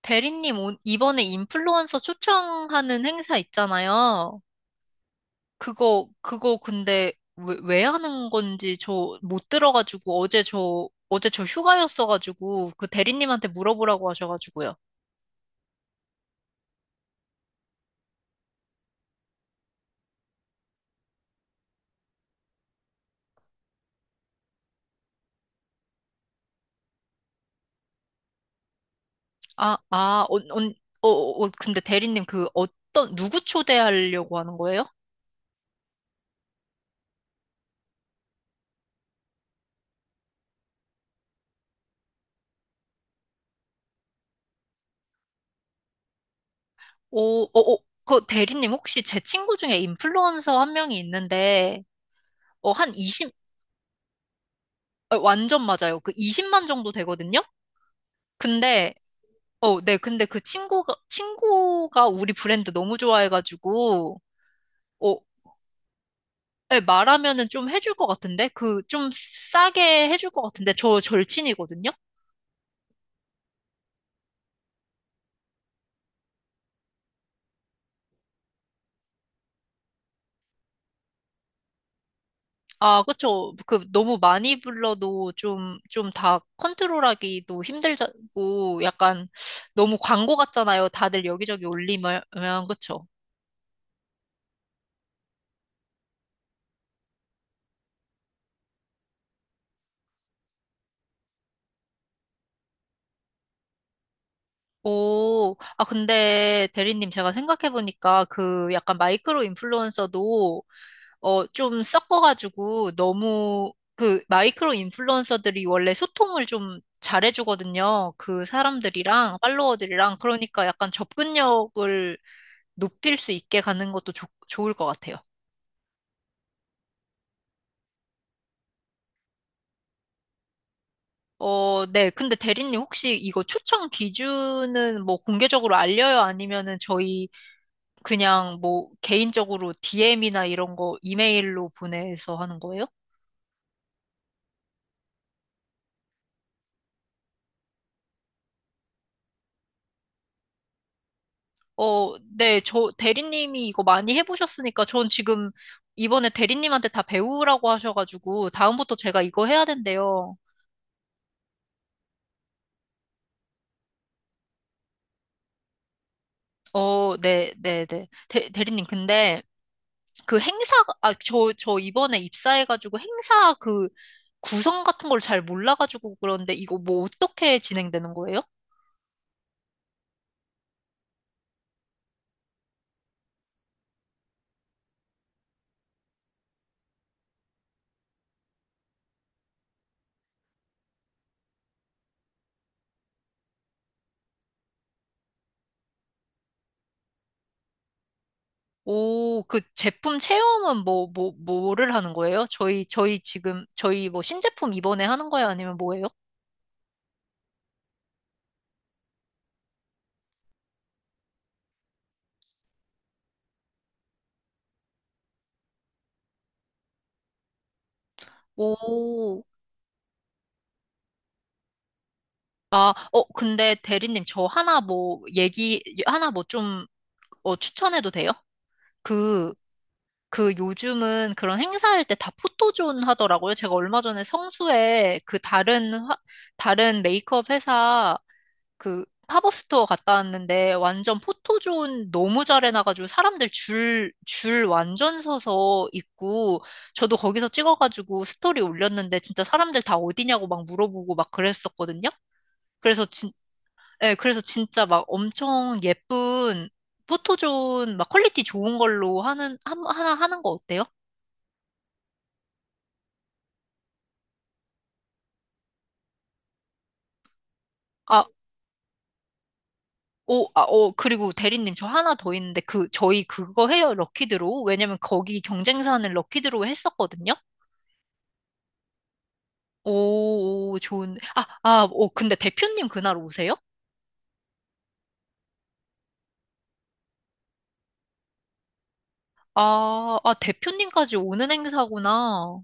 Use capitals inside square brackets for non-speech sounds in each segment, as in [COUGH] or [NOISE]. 대리님, 이번에 인플루언서 초청하는 행사 있잖아요. 그거 근데 왜 하는 건지 저 못 들어가지고 어제 저, 어제 저 휴가였어가지고 그 대리님한테 물어보라고 하셔가지고요. 아, 아, 어, 언- 어, 근데 대리님 그 어떤, 누구 초대하려고 하는 거예요? 오, 어, 어, 그 대리님 혹시 제 친구 중에 인플루언서 한 명이 있는데, 한 20, 완전 맞아요. 그 20만 정도 되거든요? 근데 어, 네. 근데 그 친구가, 친구가 우리 브랜드 너무 좋아해가지고, 어, 네, 말하면은 좀 해줄 것 같은데? 그, 좀 싸게 해줄 것 같은데? 저 절친이거든요? 아, 그쵸. 그, 너무 많이 불러도 좀, 좀 다 컨트롤하기도 힘들고, 약간, 너무 광고 같잖아요. 다들 여기저기 올리면, 그쵸. 근데 대리님 제가 생각해보니까 그 약간 마이크로 인플루언서도 좀 섞어가지고 너무 그 마이크로 인플루언서들이 원래 소통을 좀 잘해주거든요. 그 사람들이랑 팔로워들이랑 그러니까 약간 접근력을 높일 수 있게 가는 것도 좋 좋을 것 같아요. 네. 근데 대리님 혹시 이거 추천 기준은 뭐 공개적으로 알려요? 아니면은 저희 그냥 뭐 개인적으로 DM이나 이런 거 이메일로 보내서 하는 거예요? 네, 저 대리님이 이거 많이 해보셨으니까 전 지금 이번에 대리님한테 다 배우라고 하셔가지고 다음부터 제가 이거 해야 된대요. 네, 네, 네. 대리님, 근데 그 행사, 아, 저, 저 이번에 입사해가지고 행사 그 구성 같은 걸 잘 몰라가지고 그런데 이거 뭐 어떻게 진행되는 거예요? 오, 그 제품 체험은 뭐를 하는 거예요? 저희, 저희 지금, 저희 뭐 신제품 이번에 하는 거예요? 아니면 뭐예요? 오, 근데 대리님, 저 하나 뭐, 얘기, 하나 뭐 좀, 추천해도 돼요? 그, 그 요즘은 그런 행사할 때 다 포토존 하더라고요. 제가 얼마 전에 성수에 그 다른, 다른 메이크업 회사 그 팝업 스토어 갔다 왔는데 완전 포토존 너무 잘 해놔가지고 사람들 줄, 줄 완전 서서 있고 저도 거기서 찍어가지고 스토리 올렸는데 진짜 사람들 다 어디냐고 막 물어보고 막 그랬었거든요. 그래서 네, 그래서 진짜 막 엄청 예쁜 포토존 막 퀄리티 좋은 걸로 하는 한, 하나 하는 거 어때요? 아, 그리고 대리님 저 하나 더 있는데 그 저희 그거 해요 럭키드로우 왜냐면 거기 경쟁사는 럭키드로우 했었거든요. 오, 오 좋은. 아, 아, 오 근데 대표님 그날 오세요? 아, 아 대표님까지 오는 행사구나.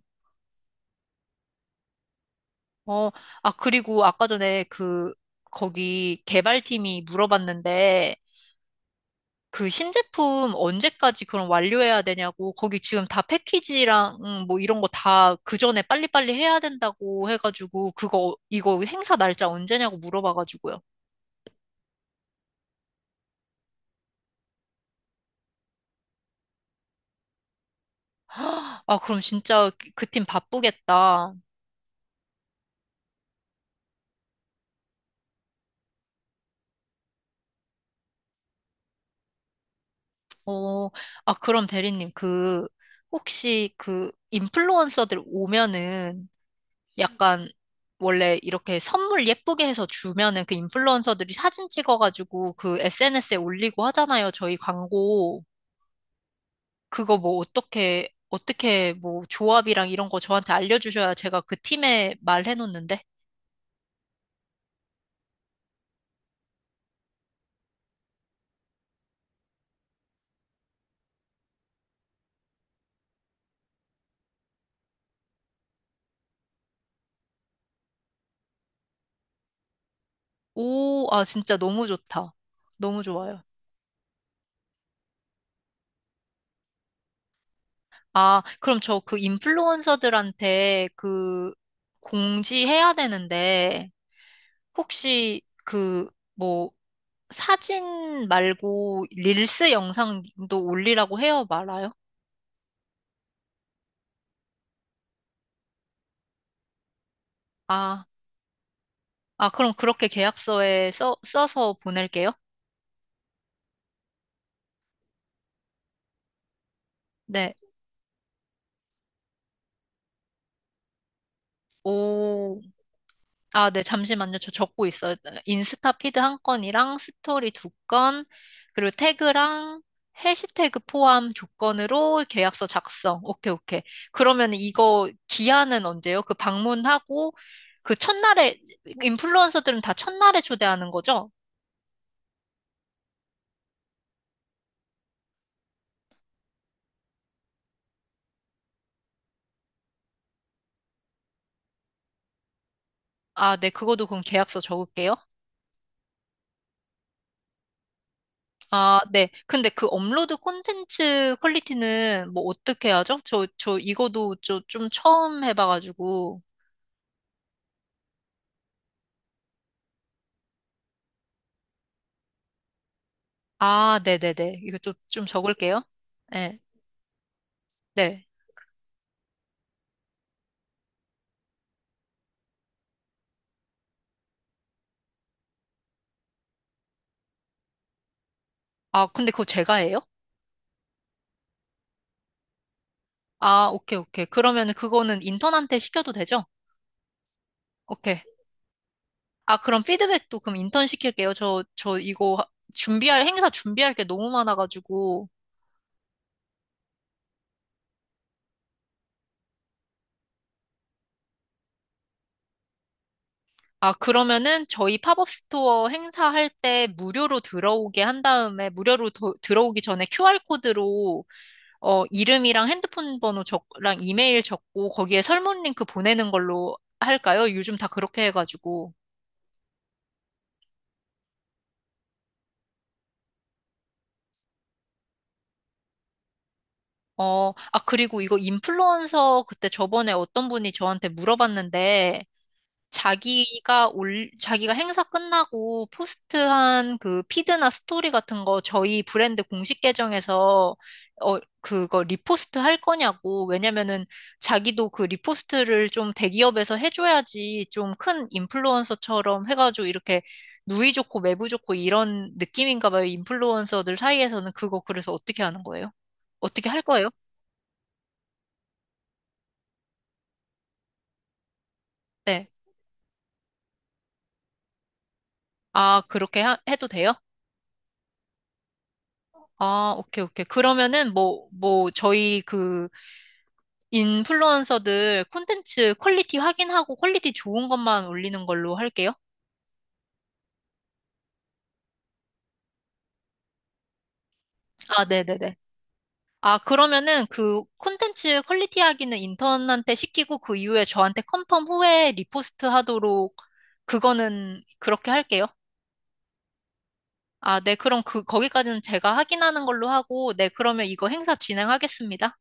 어, 아 그리고 아까 전에 그 거기 개발팀이 물어봤는데 그 신제품 언제까지 그럼 완료해야 되냐고, 거기 지금 다 패키지랑 뭐 이런 거 다 그 전에 빨리빨리 해야 된다고 해가지고, 그거, 이거 행사 날짜 언제냐고 물어봐가지고요. [GASPS] 아, 그럼 진짜 그 팀 바쁘겠다. 어, 아, 그럼 대리님, 그, 혹시 그 인플루언서들 오면은 약간 원래 이렇게 선물 예쁘게 해서 주면은 그 인플루언서들이 사진 찍어가지고 그 SNS에 올리고 하잖아요. 저희 광고. 그거 뭐 어떻게, 어떻게 뭐 조합이랑 이런 거 저한테 알려주셔야 제가 그 팀에 말해놓는데. 오, 아, 진짜 너무 좋다. 너무 좋아요. 아, 그럼 저 그 인플루언서들한테 그 공지해야 되는데, 혹시 그 뭐 사진 말고 릴스 영상도 올리라고 해요, 말아요? 아, 그럼 그렇게 계약서에 써서 보낼게요. 네. 오. 아, 네, 잠시만요. 저 적고 있어요. 인스타 피드 한 건이랑 스토리 2건, 그리고 태그랑 해시태그 포함 조건으로 계약서 작성. 오케이, 오케이. 그러면 이거 기한은 언제요? 그 방문하고 그 첫날에, 인플루언서들은 다 첫날에 초대하는 거죠? 아, 네, 그거도 그럼 계약서 적을게요. 아, 네. 근데 그 업로드 콘텐츠 퀄리티는 뭐 어떻게 하죠? 저, 저 이거도 저 좀 처음 해봐가지고. 아, 네네네. 이거 좀, 좀 적을게요. 네, 네. 아, 근데 그거 제가 해요? 아, 오케이, 오케이. 그러면 그거는 인턴한테 시켜도 되죠? 오케이. 아, 그럼 피드백도 그럼 인턴 시킬게요. 저, 저 준비할, 행사 준비할 게 너무 많아가지고. 아, 그러면은 저희 팝업 스토어 행사할 때 무료로 들어오게 한 다음에, 들어오기 전에 QR코드로 이름이랑 핸드폰 번호 적랑 이메일 적고 거기에 설문 링크 보내는 걸로 할까요? 요즘 다 그렇게 해가지고. 아, 그리고 이거 인플루언서 그때 저번에 어떤 분이 저한테 물어봤는데, 자기가 행사 끝나고 포스트한 그 피드나 스토리 같은 거 저희 브랜드 공식 계정에서 그거 리포스트 할 거냐고. 왜냐면은 자기도 그 리포스트를 좀 대기업에서 해줘야지 좀 큰 인플루언서처럼 해가지고 이렇게 누이 좋고 매부 좋고 이런 느낌인가 봐요. 인플루언서들 사이에서는 그거 그래서 어떻게 하는 거예요? 어떻게 할 거예요? 네. 아, 해도 돼요? 아, 오케이, 오케이. 그러면은 뭐, 뭐, 저희 그 인플루언서들 콘텐츠 퀄리티 확인하고 퀄리티 좋은 것만 올리는 걸로 할게요. 아, 네네네. 아, 그러면은 그 콘텐츠 퀄리티 확인은 인턴한테 시키고 그 이후에 저한테 컨펌 후에 리포스트 하도록 그거는 그렇게 할게요. 아, 네. 그럼 그, 거기까지는 제가 확인하는 걸로 하고, 네. 그러면 이거 행사 진행하겠습니다.